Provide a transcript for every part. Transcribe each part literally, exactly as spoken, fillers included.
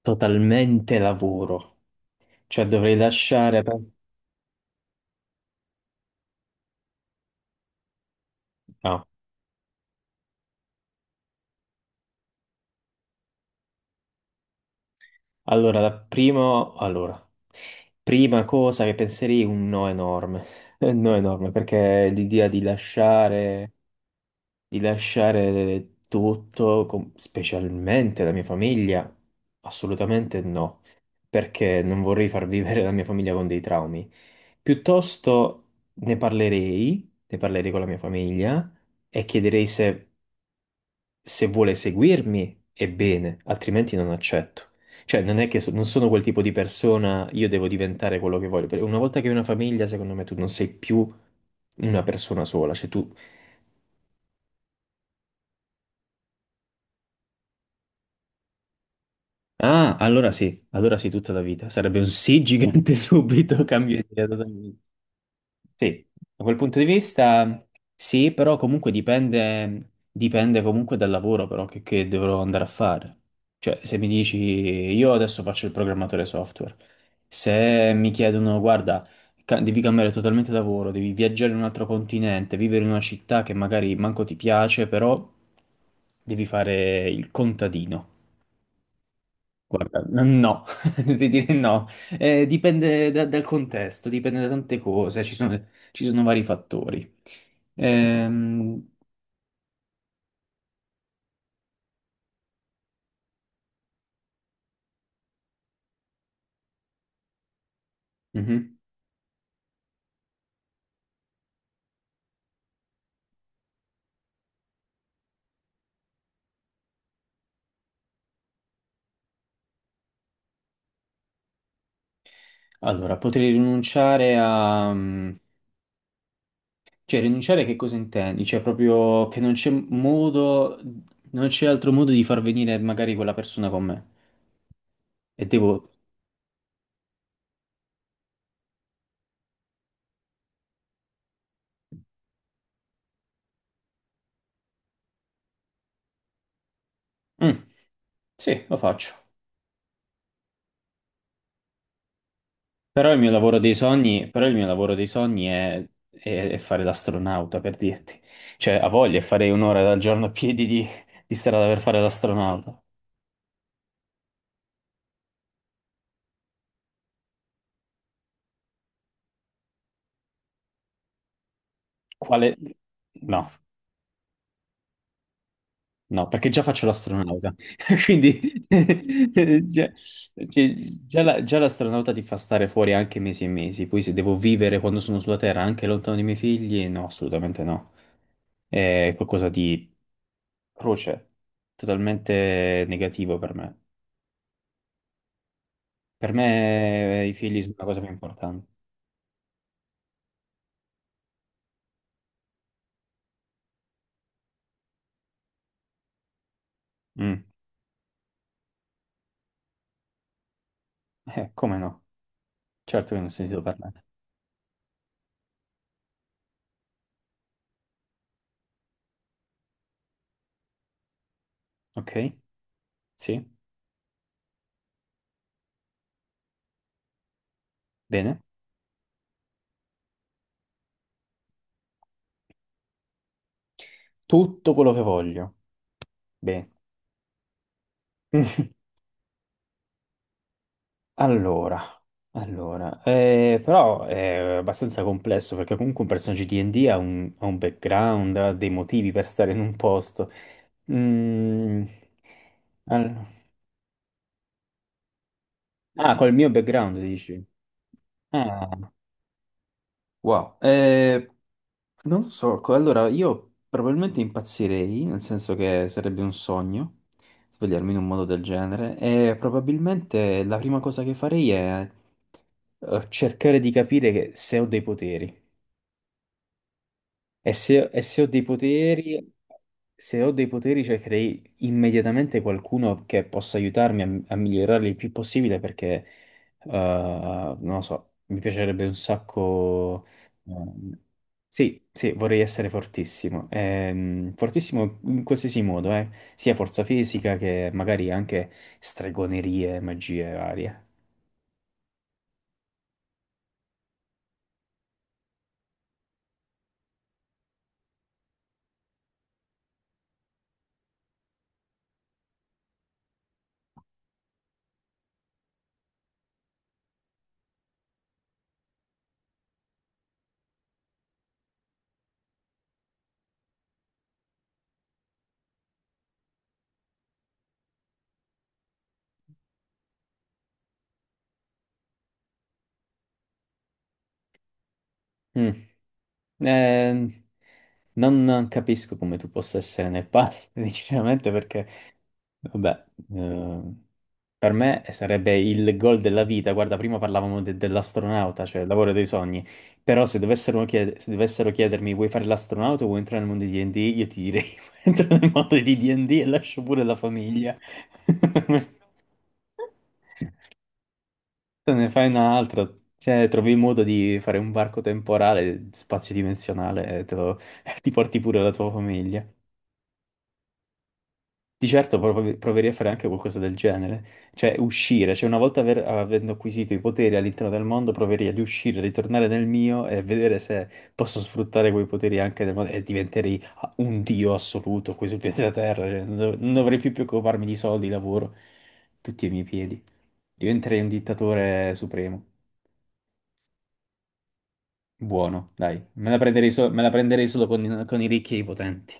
Totalmente lavoro. Cioè dovrei lasciare... pe- No. Allora, la prima... allora, prima cosa che penserei è un no enorme. Un no enorme, perché l'idea di lasciare, di lasciare tutto, com- specialmente la mia famiglia, assolutamente no. Perché non vorrei far vivere la mia famiglia con dei traumi. Piuttosto ne parlerei, ne parlerei con la mia famiglia e chiederei se se vuole seguirmi, è bene, altrimenti non accetto. Cioè, non è che so- non sono quel tipo di persona, io devo diventare quello che voglio. Perché una volta che hai una famiglia, secondo me tu non sei più una persona sola, cioè tu... Ah, allora sì, allora sì, tutta la vita. Sarebbe un sì gigante subito, cambio idea totalmente. Sì, da quel punto di vista sì, però comunque dipende, dipende comunque dal lavoro però che, che dovrò andare a fare. Cioè, se mi dici, io adesso faccio il programmatore software, se mi chiedono, guarda, ca- devi cambiare totalmente lavoro, devi viaggiare in un altro continente, vivere in una città che magari manco ti piace, però devi fare il contadino. Guarda, n- no, ti direi no. Eh, dipende da- dal contesto, dipende da tante cose, ci sono, ci sono vari fattori. Ehm, mhm. Allora, potrei rinunciare a... Cioè, rinunciare a che cosa intendi? Cioè, proprio che non c'è modo, non c'è altro modo di far venire magari quella persona con me. E devo... Mm, sì, lo faccio. Però il mio lavoro dei sogni, però il mio lavoro dei sogni è, è- è fare l'astronauta, per dirti. Cioè, a voglia, farei un'ora al giorno a piedi di, di strada per fare l'astronauta. Quale? No, no, perché già faccio l'astronauta. Quindi, già, cioè, già la- già l'astronauta ti fa stare fuori anche mesi e mesi. Poi se devo vivere quando sono sulla Terra, anche lontano dai miei figli, no, assolutamente no. È qualcosa di croce, totalmente negativo per me. Per me eh, i figli sono la cosa più importante. Mm. Eh, come no? Certo che non ho sentito parlare. Ok? Sì? Bene. Tutto quello che voglio. Bene. Allora, allora, eh, però è abbastanza complesso perché comunque un personaggio di D&D ha un, ha un background, ha dei motivi per stare in un posto. Mm. All- Ah, col mio background dici? Ah. Wow, eh, non lo so, co- allora io probabilmente impazzirei, nel senso che sarebbe un sogno svegliarmi in un modo del genere e probabilmente la prima cosa che farei è eh, cercare di capire che- se ho dei poteri. E se, e se ho dei poteri, se ho dei poteri cercherei immediatamente qualcuno che possa aiutarmi a, a migliorarli il più possibile perché, eh, non lo so, mi piacerebbe un sacco... ehm, sì, sì, vorrei essere fortissimo. Ehm, fortissimo in qualsiasi modo, eh, sia forza fisica che magari anche stregonerie, magie varie. Mm. Eh, non capisco come tu possa essere nel padre, sinceramente, perché vabbè, eh, per me sarebbe il gol della vita. Guarda, prima parlavamo de- dell'astronauta, cioè il lavoro dei sogni. Però se dovessero, chied- se dovessero chiedermi vuoi fare l'astronauta o vuoi entrare nel mondo di D&D, io ti direi entro nel mondo di D&D e D e lascio pure la famiglia. Te ne fai un'altra, cioè trovi il modo di fare un varco temporale, spazio-dimensionale e te lo- ti porti pure la tua famiglia. Di certo prov- proverei a fare anche qualcosa del genere, cioè uscire, cioè una volta aver- avendo acquisito i poteri all'interno del mondo, proverei ad uscire, ritornare nel mio e vedere se posso sfruttare quei poteri anche nel mondo e diventerei un dio assoluto qui sul pianeta Terra, cioè, non, dov- non dovrei più preoccuparmi di soldi, lavoro, tutti ai miei piedi. Diventerei un dittatore supremo, buono, dai, me la prenderei, so- me la prenderei solo con, con, i ricchi e i potenti.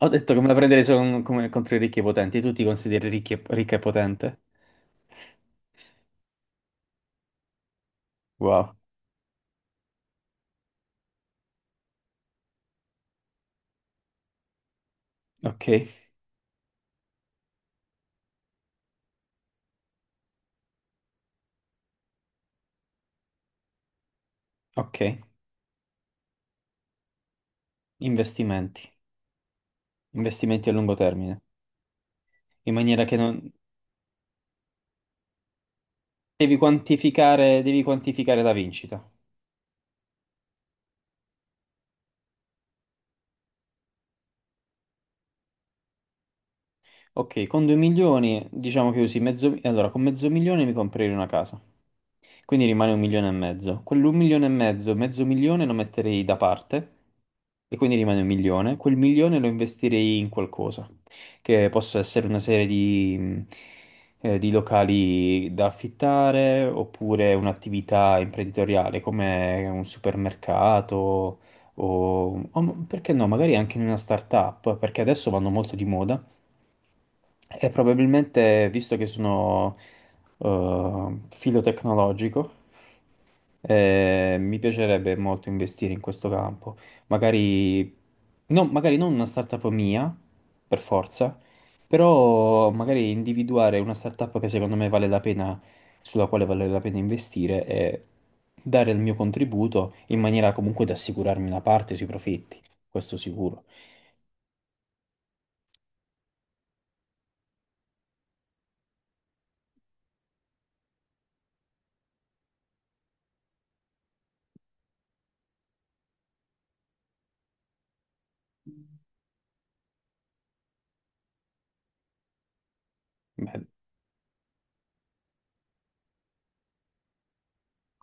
Ho detto come la prendere son- come contro i ricchi e potenti. Tu ti consideri ricchi e- ricca e potente? Wow. Ok, ok. Investimenti. Investimenti a lungo termine. In maniera che non... Devi quantificare, devi quantificare la vincita. Ok, con 2 milioni diciamo che usi mezzo... Allora, con mezzo milione mi comprerei una casa. Quindi rimane un milione e mezzo. Quell'un milione e mezzo, mezzo milione lo metterei da parte e quindi rimane un milione. Quel milione lo investirei in qualcosa, che possa essere una serie di, mh, eh, di locali da affittare oppure un'attività imprenditoriale come un supermercato o, o m- perché no, magari anche in una startup, perché adesso vanno molto di moda e probabilmente, visto che sono eh, filo tecnologico, eh, mi piacerebbe molto investire in questo campo. Magari, no, magari non una startup mia, per forza, però magari individuare una startup che secondo me vale la pena, sulla quale vale la pena investire e dare il mio contributo in maniera comunque da assicurarmi una parte sui profitti, questo sicuro. Beh,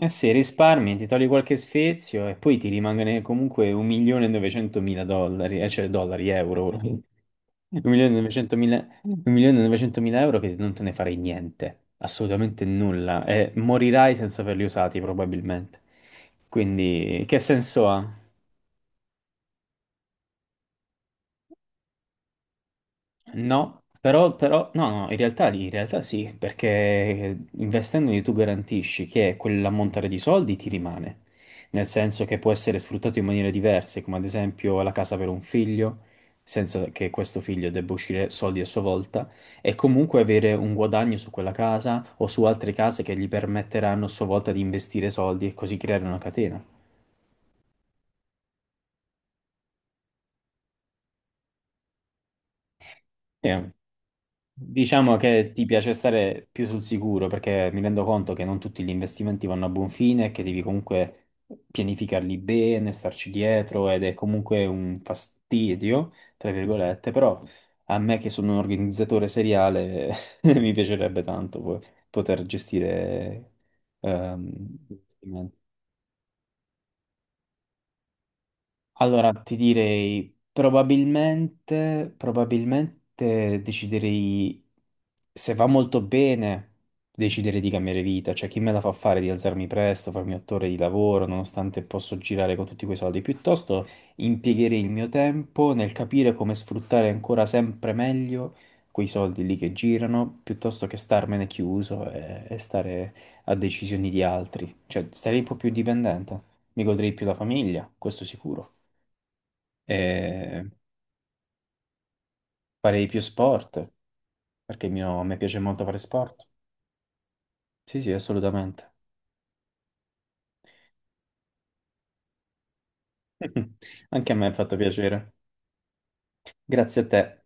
eh sì, risparmi, ti togli qualche sfizio e poi ti rimane comunque un milione e novecentomila dollari, eh, cioè dollari, euro, ora. un milione e novecentomila un milione e novecentomila euro che non te ne farei niente, assolutamente nulla, e morirai senza averli usati probabilmente. Quindi che senso ha? No, però, però- no, no, in realtà, in realtà sì, perché investendoli tu garantisci che quell'ammontare di soldi ti rimane, nel senso che può essere sfruttato in maniere diverse, come ad esempio la casa per un figlio, senza che questo figlio debba uscire soldi a sua volta, e comunque avere un guadagno su quella casa o su altre case che gli permetteranno a sua volta di investire soldi e così creare una catena. Sì, diciamo che ti piace stare più sul sicuro perché mi rendo conto che non tutti gli investimenti vanno a buon fine e che devi comunque pianificarli bene, starci dietro ed è comunque un fastidio, tra virgolette, però a me che sono un organizzatore seriale mi piacerebbe tanto po- poter gestire ehm, gli investimenti. Allora, ti direi probabilmente, probabilmente deciderei, se va molto bene, decidere di cambiare vita, cioè chi me la fa fare di alzarmi presto, farmi otto ore di lavoro, nonostante posso girare con tutti quei soldi, piuttosto impiegherei il mio tempo nel capire come sfruttare ancora sempre meglio quei soldi lì che girano, piuttosto che starmene chiuso e, e stare a decisioni di altri, cioè sarei un po' più dipendente, mi godrei più la famiglia, questo sicuro e farei più sport, perché il mio- a me piace molto fare sport. Sì, sì, assolutamente. Anche a me ha fatto piacere. Grazie a te.